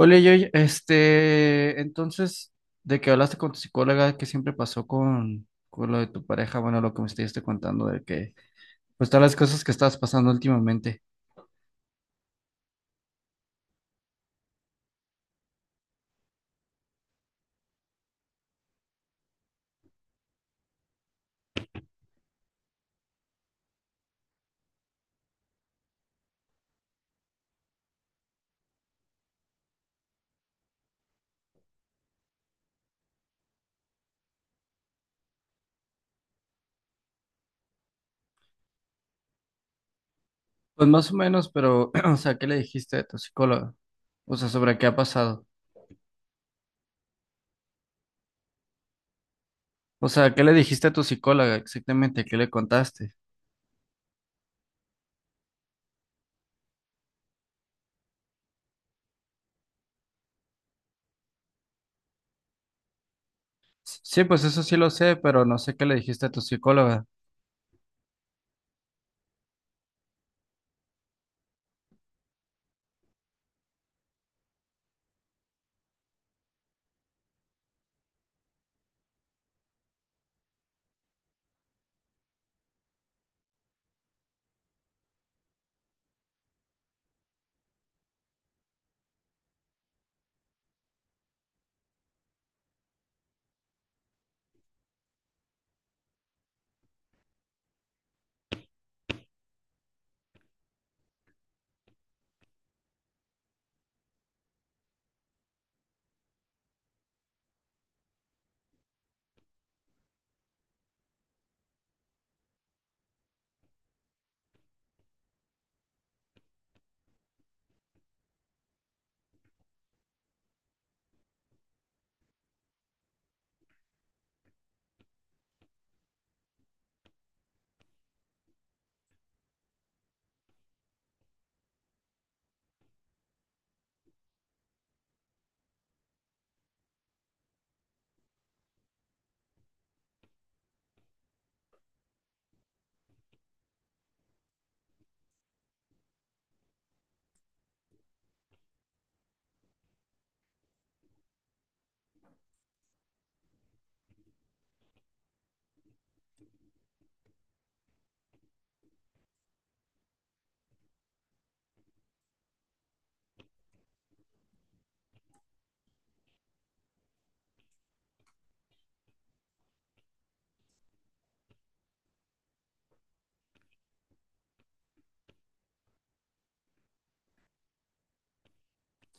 Oye, yo, entonces, de que hablaste con tu psicóloga, ¿qué siempre pasó con lo de tu pareja? Bueno, lo que me estuviste contando de que, pues, todas las cosas que estabas pasando últimamente. Pues más o menos, pero, o sea, ¿qué le dijiste a tu psicóloga? O sea, sobre qué ha pasado. O sea, ¿qué le dijiste a tu psicóloga exactamente? ¿Qué le contaste? Sí, pues eso sí lo sé, pero no sé qué le dijiste a tu psicóloga.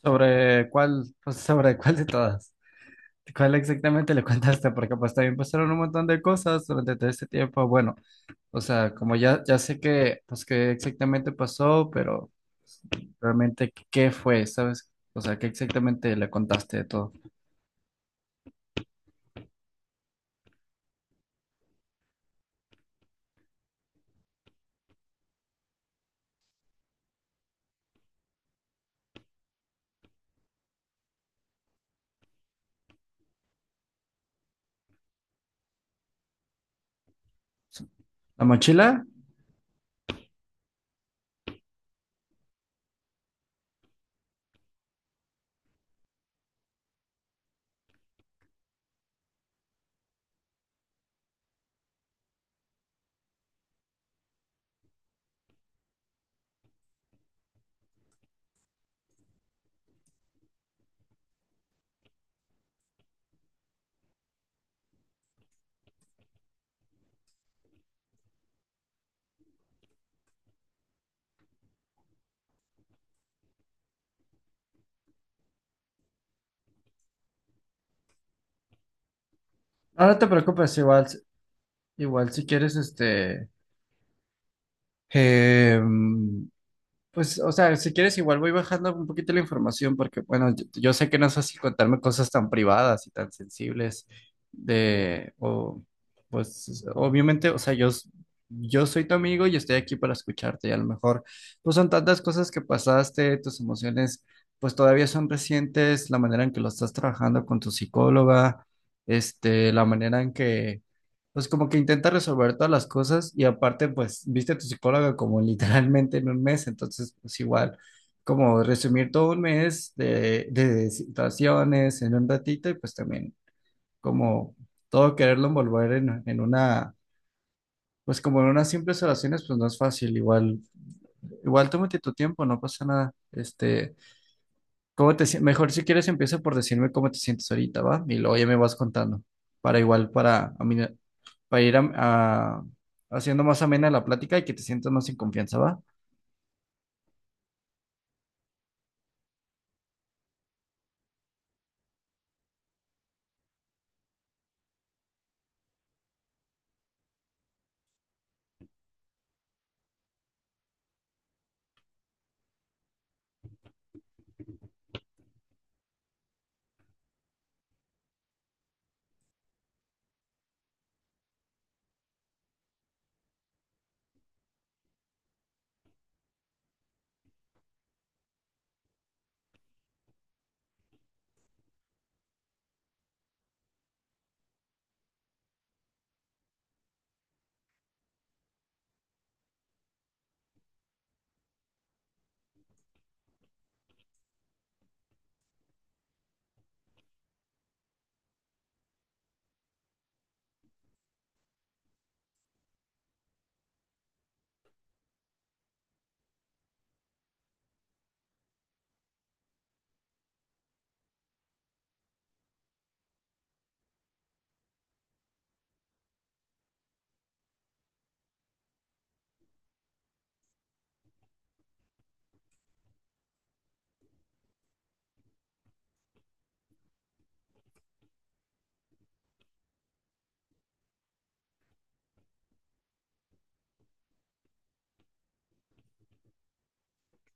¿Sobre cuál? Pues sobre cuál de todas. ¿Cuál exactamente le contaste? Porque pues también pasaron un montón de cosas durante todo este tiempo. Bueno, o sea, como ya sé que, pues qué exactamente pasó, pero pues, realmente qué fue, ¿sabes? O sea, ¿qué exactamente le contaste de todo? ¿La mochila? No, no te preocupes, igual, igual si quieres, em, pues, o sea, si quieres, igual voy bajando un poquito la información porque, bueno, yo sé que no es así contarme cosas tan privadas y tan sensibles de, o, pues, obviamente, o sea, yo soy tu amigo y estoy aquí para escucharte y a lo mejor, pues son tantas cosas que pasaste, tus emociones, pues todavía son recientes, la manera en que lo estás trabajando con tu psicóloga, la manera en que pues como que intenta resolver todas las cosas y aparte, pues, viste a tu psicóloga como literalmente en un mes, entonces, pues igual, como resumir todo un mes de situaciones en un ratito y pues también como todo quererlo envolver en una, pues como en unas simples oraciones, pues no es fácil, igual, igual tómate tu tiempo, no pasa nada, ¿cómo te, mejor si quieres empieza por decirme cómo te sientes ahorita, ¿va? Y luego ya me vas contando. Para igual, para, para ir haciendo más amena la plática y que te sientas más en confianza, ¿va?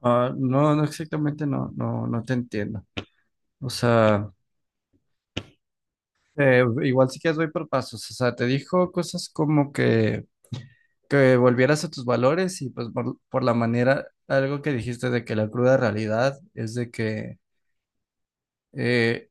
Ah, no, no exactamente, no te entiendo. O sea, igual si quieres voy por pasos. O sea, te dijo cosas como que volvieras a tus valores y pues por la manera, algo que dijiste de que la cruda realidad es de que... eh,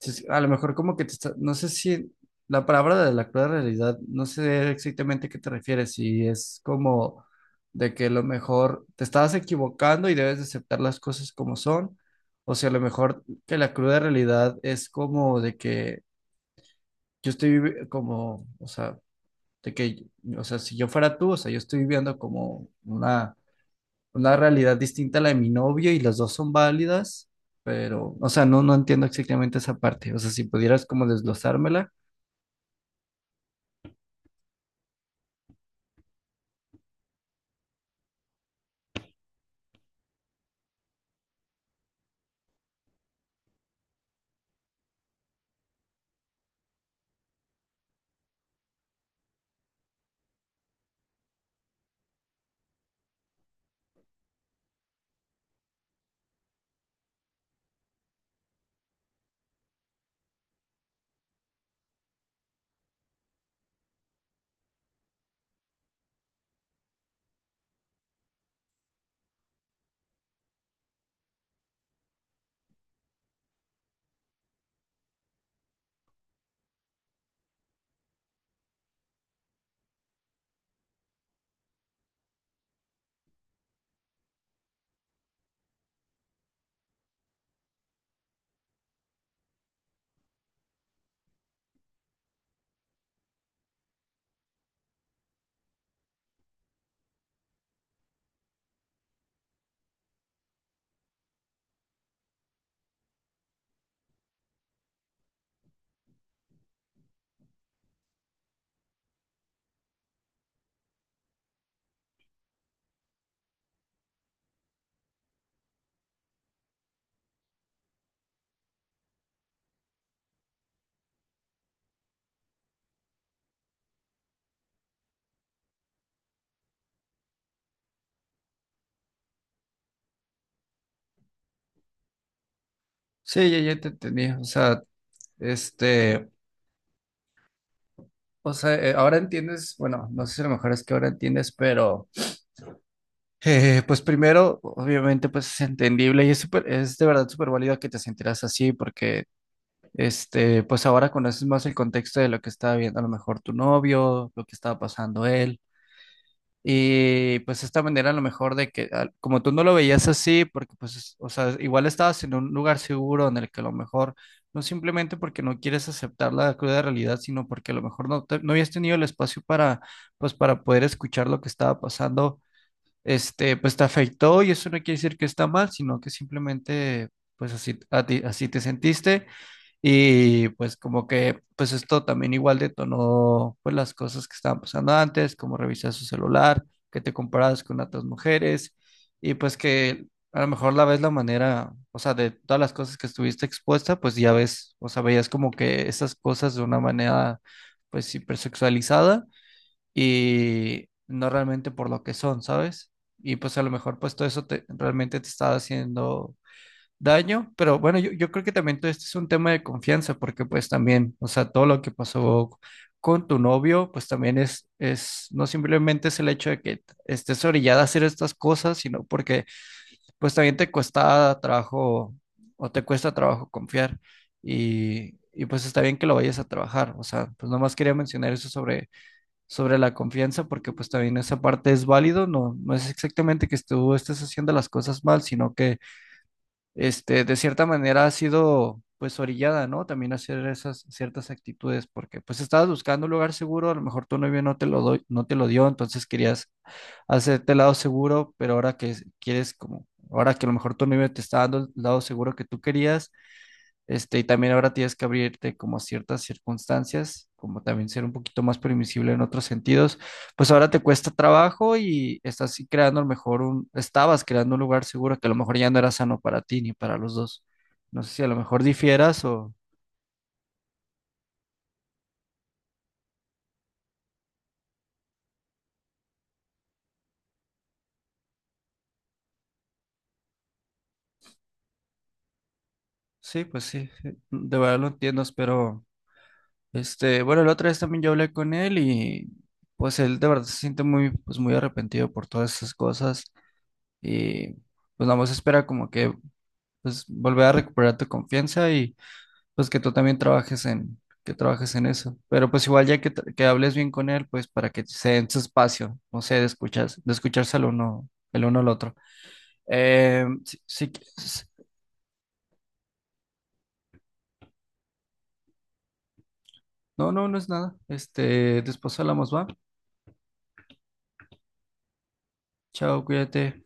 sí, sí, a lo mejor como que te está, no sé si la palabra de la cruda realidad, no sé exactamente a qué te refieres, si es como de que a lo mejor te estabas equivocando y debes de aceptar las cosas como son, o si a lo mejor que la cruda realidad es como de que como, o sea, de que, o sea, si yo fuera tú, o sea, yo estoy viviendo como una realidad distinta a la de mi novio y las dos son válidas, pero, o sea, no entiendo exactamente esa parte. O sea, si pudieras como desglosármela. Sí, ya te entendí. O sea, este, o sea, ahora entiendes, bueno, no sé si a lo mejor es que ahora entiendes, pero pues primero, obviamente, pues es entendible y es súper, es de verdad súper válido que te sentirás así porque, pues ahora conoces más el contexto de lo que estaba viendo a lo mejor tu novio, lo que estaba pasando él. Y pues esta manera a lo mejor de que, como tú no lo veías así, porque pues, o sea, igual estabas en un lugar seguro en el que a lo mejor, no simplemente porque no quieres aceptar la cruda realidad, sino porque a lo mejor no, no habías tenido el espacio para, pues, para poder escuchar lo que estaba pasando, pues te afectó y eso no quiere decir que está mal, sino que simplemente, pues así, así te sentiste. Y pues como que pues esto también igual detonó pues las cosas que estaban pasando antes, como revisar su celular, que te comparabas con otras mujeres y pues que a lo mejor la ves la manera, o sea, de todas las cosas que estuviste expuesta, pues ya ves, o sea, veías como que esas cosas de una manera pues hipersexualizada y no realmente por lo que son, ¿sabes? Y pues a lo mejor pues todo eso realmente te estaba haciendo daño, pero bueno, yo creo que también todo esto es un tema de confianza, porque pues también, o sea, todo lo que pasó con tu novio, pues también es, no simplemente es el hecho de que estés orillada a hacer estas cosas, sino porque pues también te cuesta trabajo o te cuesta trabajo confiar y pues está bien que lo vayas a trabajar, o sea, pues nomás quería mencionar eso sobre, sobre la confianza, porque pues también esa parte es válido, no, no es exactamente que tú estés haciendo las cosas mal, sino que de cierta manera ha sido pues orillada, ¿no? También a hacer esas ciertas actitudes, porque pues estabas buscando un lugar seguro, a lo mejor tu novio no te lo no te lo dio, entonces querías hacerte el lado seguro, pero ahora que quieres como, ahora que a lo mejor tu novio te está dando el lado seguro que tú querías, y también ahora tienes que abrirte como a ciertas circunstancias, como también ser un poquito más permisible en otros sentidos. Pues ahora te cuesta trabajo y estás sí creando a lo mejor un, estabas creando un lugar seguro que a lo mejor ya no era sano para ti ni para los dos. No sé si a lo mejor difieras o sí, pues sí, sí, de verdad lo entiendo, pero bueno, la otra vez también yo hablé con él y pues él de verdad se siente muy, pues muy arrepentido por todas esas cosas y pues nada más espera como que pues volver a recuperar tu confianza y pues que tú también trabajes en, que trabajes en eso. Pero pues igual ya que, que hables bien con él, pues para que se den su espacio, no sé, de escuchas, de escucharse el uno al otro. Si, no, no, no es nada. Este, después hablamos, va. Chao, cuídate.